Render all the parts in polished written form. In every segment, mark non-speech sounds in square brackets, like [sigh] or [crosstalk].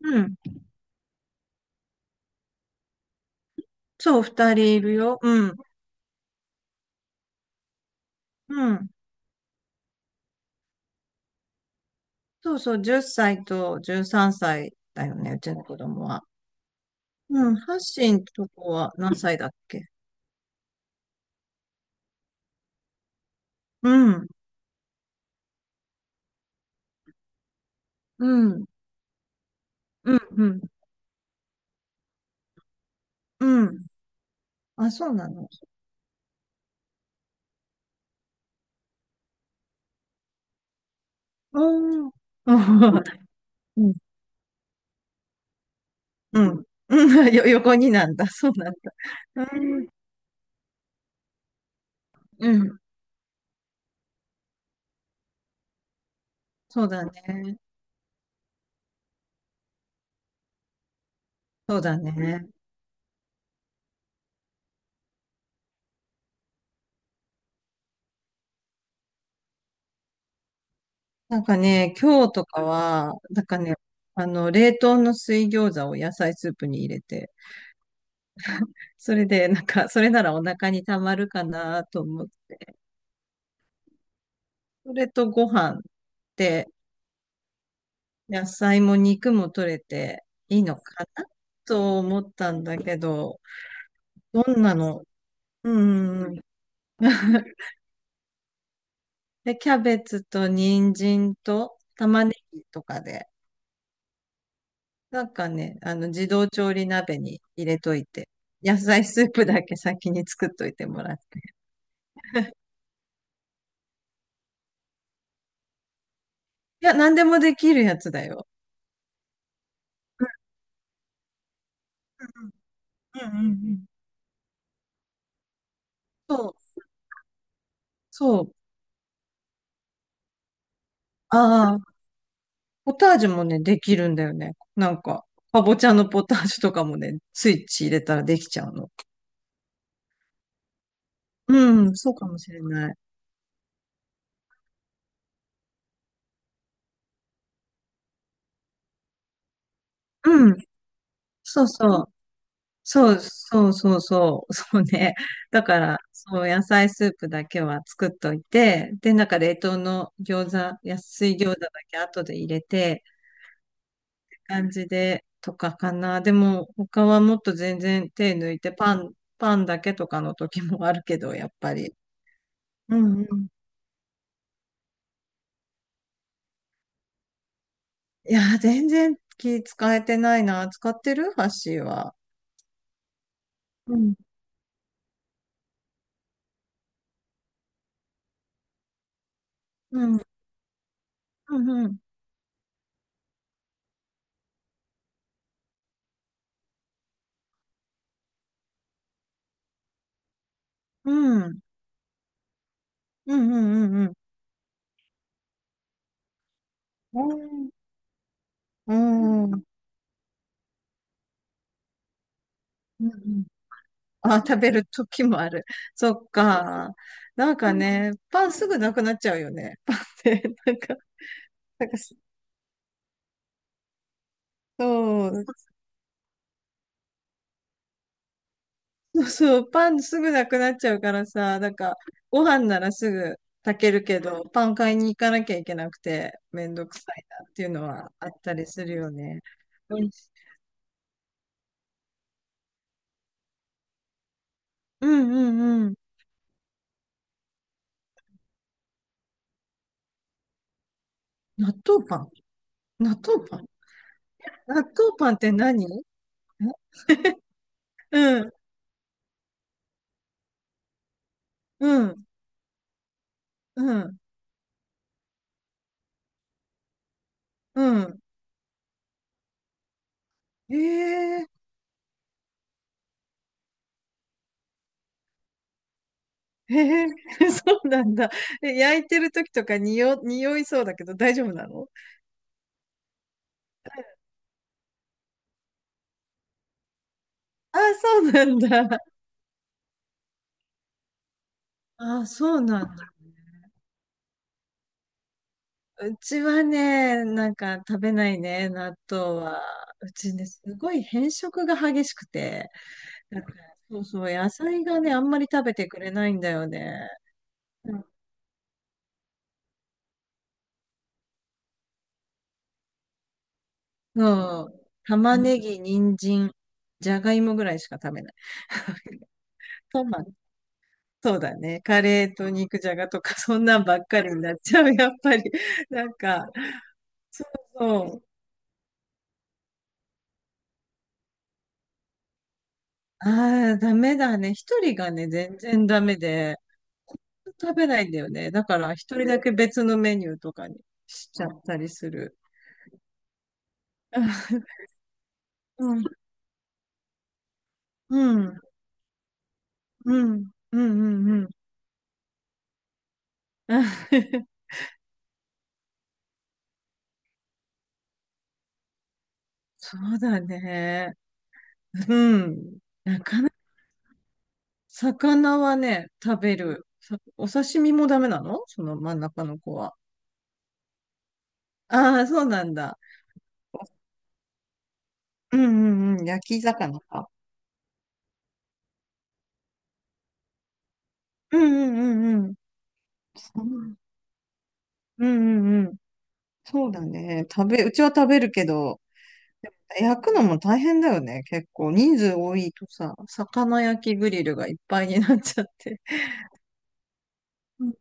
うん。そう、二人いるよ。うん。うん。そうそう、10歳と13歳だよね、うちの子供は。うん。ハッシンとこは何歳だっけ？うん。うん。うん。うん。うん。あ、そうなの。うん。[laughs] うん。うん。うん。[laughs] 横になんだ。そうなんだ。うん。うん。そうだね。そうだね。なんかね、今日とかは、なんかね、冷凍の水餃子を野菜スープに入れて、それで、なんか、それならお腹にたまるかなと思って。それとご飯って、野菜も肉も取れていいのかなと思ったんだけど、どんなの？うーん。[laughs] で、キャベツと人参と玉ねぎとかで、なんかね、自動調理鍋に入れといて、野菜スープだけ先に作っといてもらって。いや、何でもできるやつだよ。うんうんうんうんうんうん。そう、そう。ああ、ポタージュもね、できるんだよね。なんか、かぼちゃのポタージュとかもね、スイッチ入れたらできちゃうの。うん、そうかもしれない。うん、そうそう。そうそうそうそう。[laughs] そうね。だから、そう、野菜スープだけは作っといて、で、なんか冷凍の餃子、安い餃子だけ後で入れて、感じで、とかかな。でも、他はもっと全然手抜いて、パン、だけとかの時もあるけど、やっぱり。うんうん。いやー、全然気使えてないな。使ってるハッシーは。うん。うん。うん。うん。うん。うん。うんうん。うん。うんうん。あ、食べる時もある。[laughs] そっか。なんかね、パンすぐなくなっちゃうよね。パンって、なんか、なんか、そう、そう、パンすぐなくなっちゃうからさ、なんか、ご飯ならすぐ炊けるけど、パン買いに行かなきゃいけなくて、めんどくさいなっていうのはあったりするよね。うんうんうんうん。納豆パン？納豆パン？納豆パンって何？うん、うん、うん、うん。へえ。へえ。 [laughs] そうなんだ。え、焼いてる時とかに、匂いそうだけど大丈夫なの？あ、そうなんだ。あ、そうなんだ。うちはね、なんか食べないね、納豆は。うちね、すごい変色が激しくて、なんか、そうそう、野菜がね、あんまり食べてくれないんだよね。うん。うん。玉ねぎ、人参、じゃがいもぐらいしか食べない。[laughs] トマト、そうだね。カレーと肉じゃがとか、そんなんばっかりになっちゃう、やっぱり。なんか、そう。ああ、ダメだね。一人がね、全然ダメで、食べないんだよね。だから一人だけ別のメニューとかにしちゃったりする。うん、うん、うん、うん、うん。うん。 [laughs] そうだね。うん。なかなか、魚はね、食べる。お刺身もダメなの、その真ん中の子は。ああ、そうなんだ。うんうんうん。焼き魚か。うんうんうんうん。うんうんうん。そうだね。うちは食べるけど、焼くのも大変だよね。結構人数多いとさ、魚焼きグリルがいっぱいになっちゃって。うん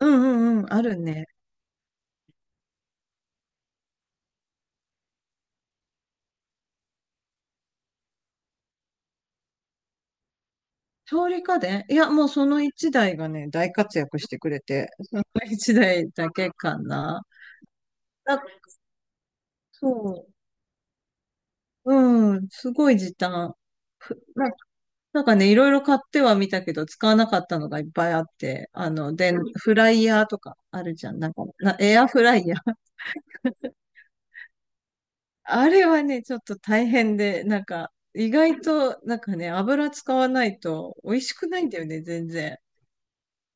うんうん。あるね。調理家電、いや、もうその一台がね、大活躍してくれて、その一台だけかな。だ、そう、うん、すごい時短。ふな、なんかね、いろいろ買ってはみたけど、使わなかったのがいっぱいあって、で、フライヤーとかあるじゃん。なんか、エアフライヤー。あれはね、ちょっと大変で、なんか、意外と、なんかね、油使わないと美味しくないんだよね、全然。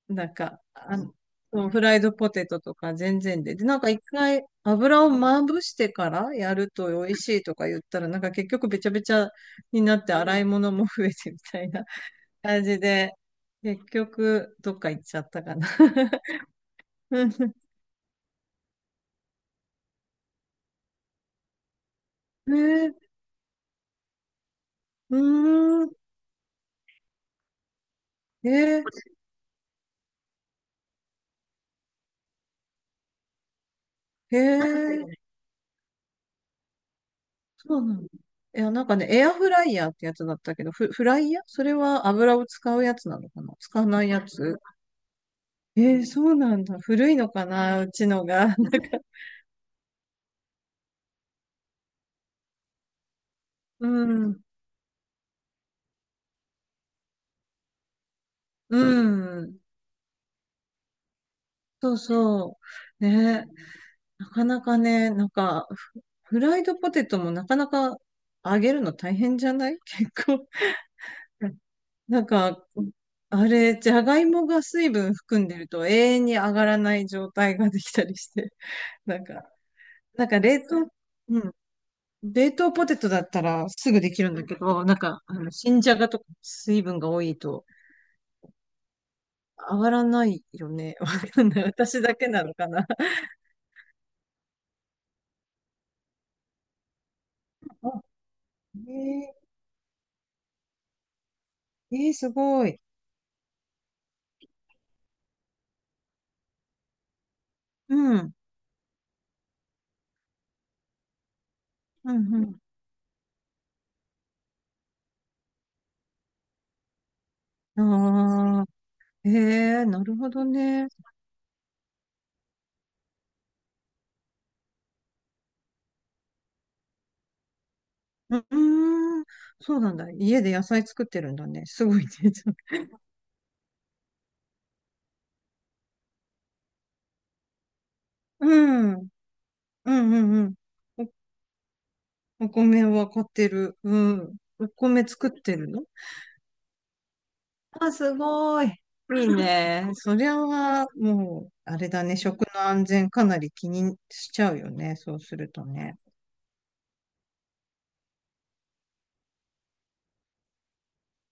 なんか、そうフライドポテトとか全然で。で、なんか一回油をまぶしてからやると美味しいとか言ったら、なんか結局べちゃべちゃになって洗い物も増えてみたいな [laughs] 感じで、結局どっか行っちゃったかな。[laughs] うん。えー、うーん、えー、えー、そうなの。いや、なんかね、エアフライヤーってやつだったけど、フライヤー、それは油を使うやつなのかな、使わないやつ？えー、そうなんだ。古いのかな、うちのが。[laughs] なんか、うん。うん。そうそう。ね。なかなかね、なんか、フライドポテトもなかなか揚げるの大変じゃない？ [laughs] 結構。なんか、あれ、じゃがいもが水分含んでると永遠に上がらない状態ができたりして。なんか、冷凍、うん。冷凍ポテトだったらすぐできるんだけど、なんか、新じゃがとか水分が多いと上がらないよね。[laughs] わかんない。私だけなのかな。[laughs] あ、えー、えー、すごい。うん、うん、うん。ああ、えー、なるほどね。う。うーん、そうなんだ。家で野菜作ってるんだね。すごいね。[laughs] うん、うん、うん、うん。お米は買ってる。うん。お米作ってるの？あ、すごい。いいね。そりゃは、もう、あれだね。食の安全かなり気にしちゃうよね、そうするとね。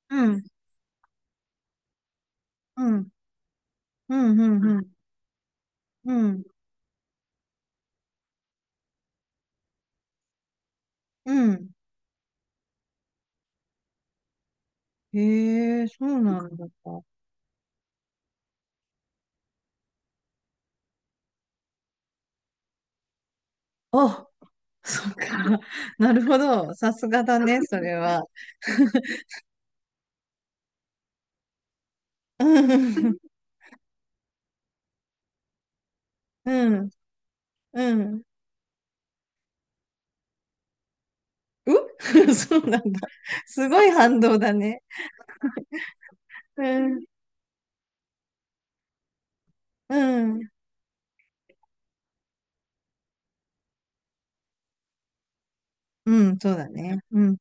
うん、うん、うん、うん、うん、うん。うん。へえ、そうなんだ。あ、そっか。なるほど。さすがだね、それは。うん、うん、うん。う。 [laughs] そうなんだ。すごい反動だね。うん、うん、うん、そうだね。うん、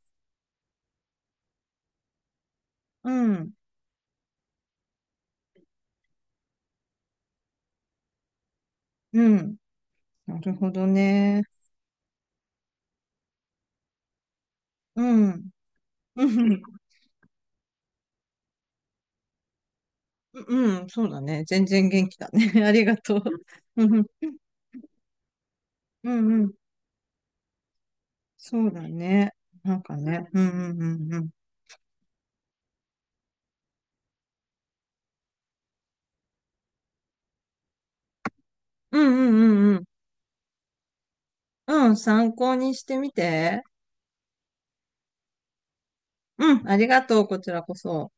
うん、うん。なるほどね。うん。うん、うん、うん、そうだね。全然元気だね。[laughs] ありがとう。うん、うん、うん、そうだね。なんかね。うん、うん、うん、うん。うん、うん、うん、うん。うん、参考にしてみて。うん、ありがとう。こちらこそ。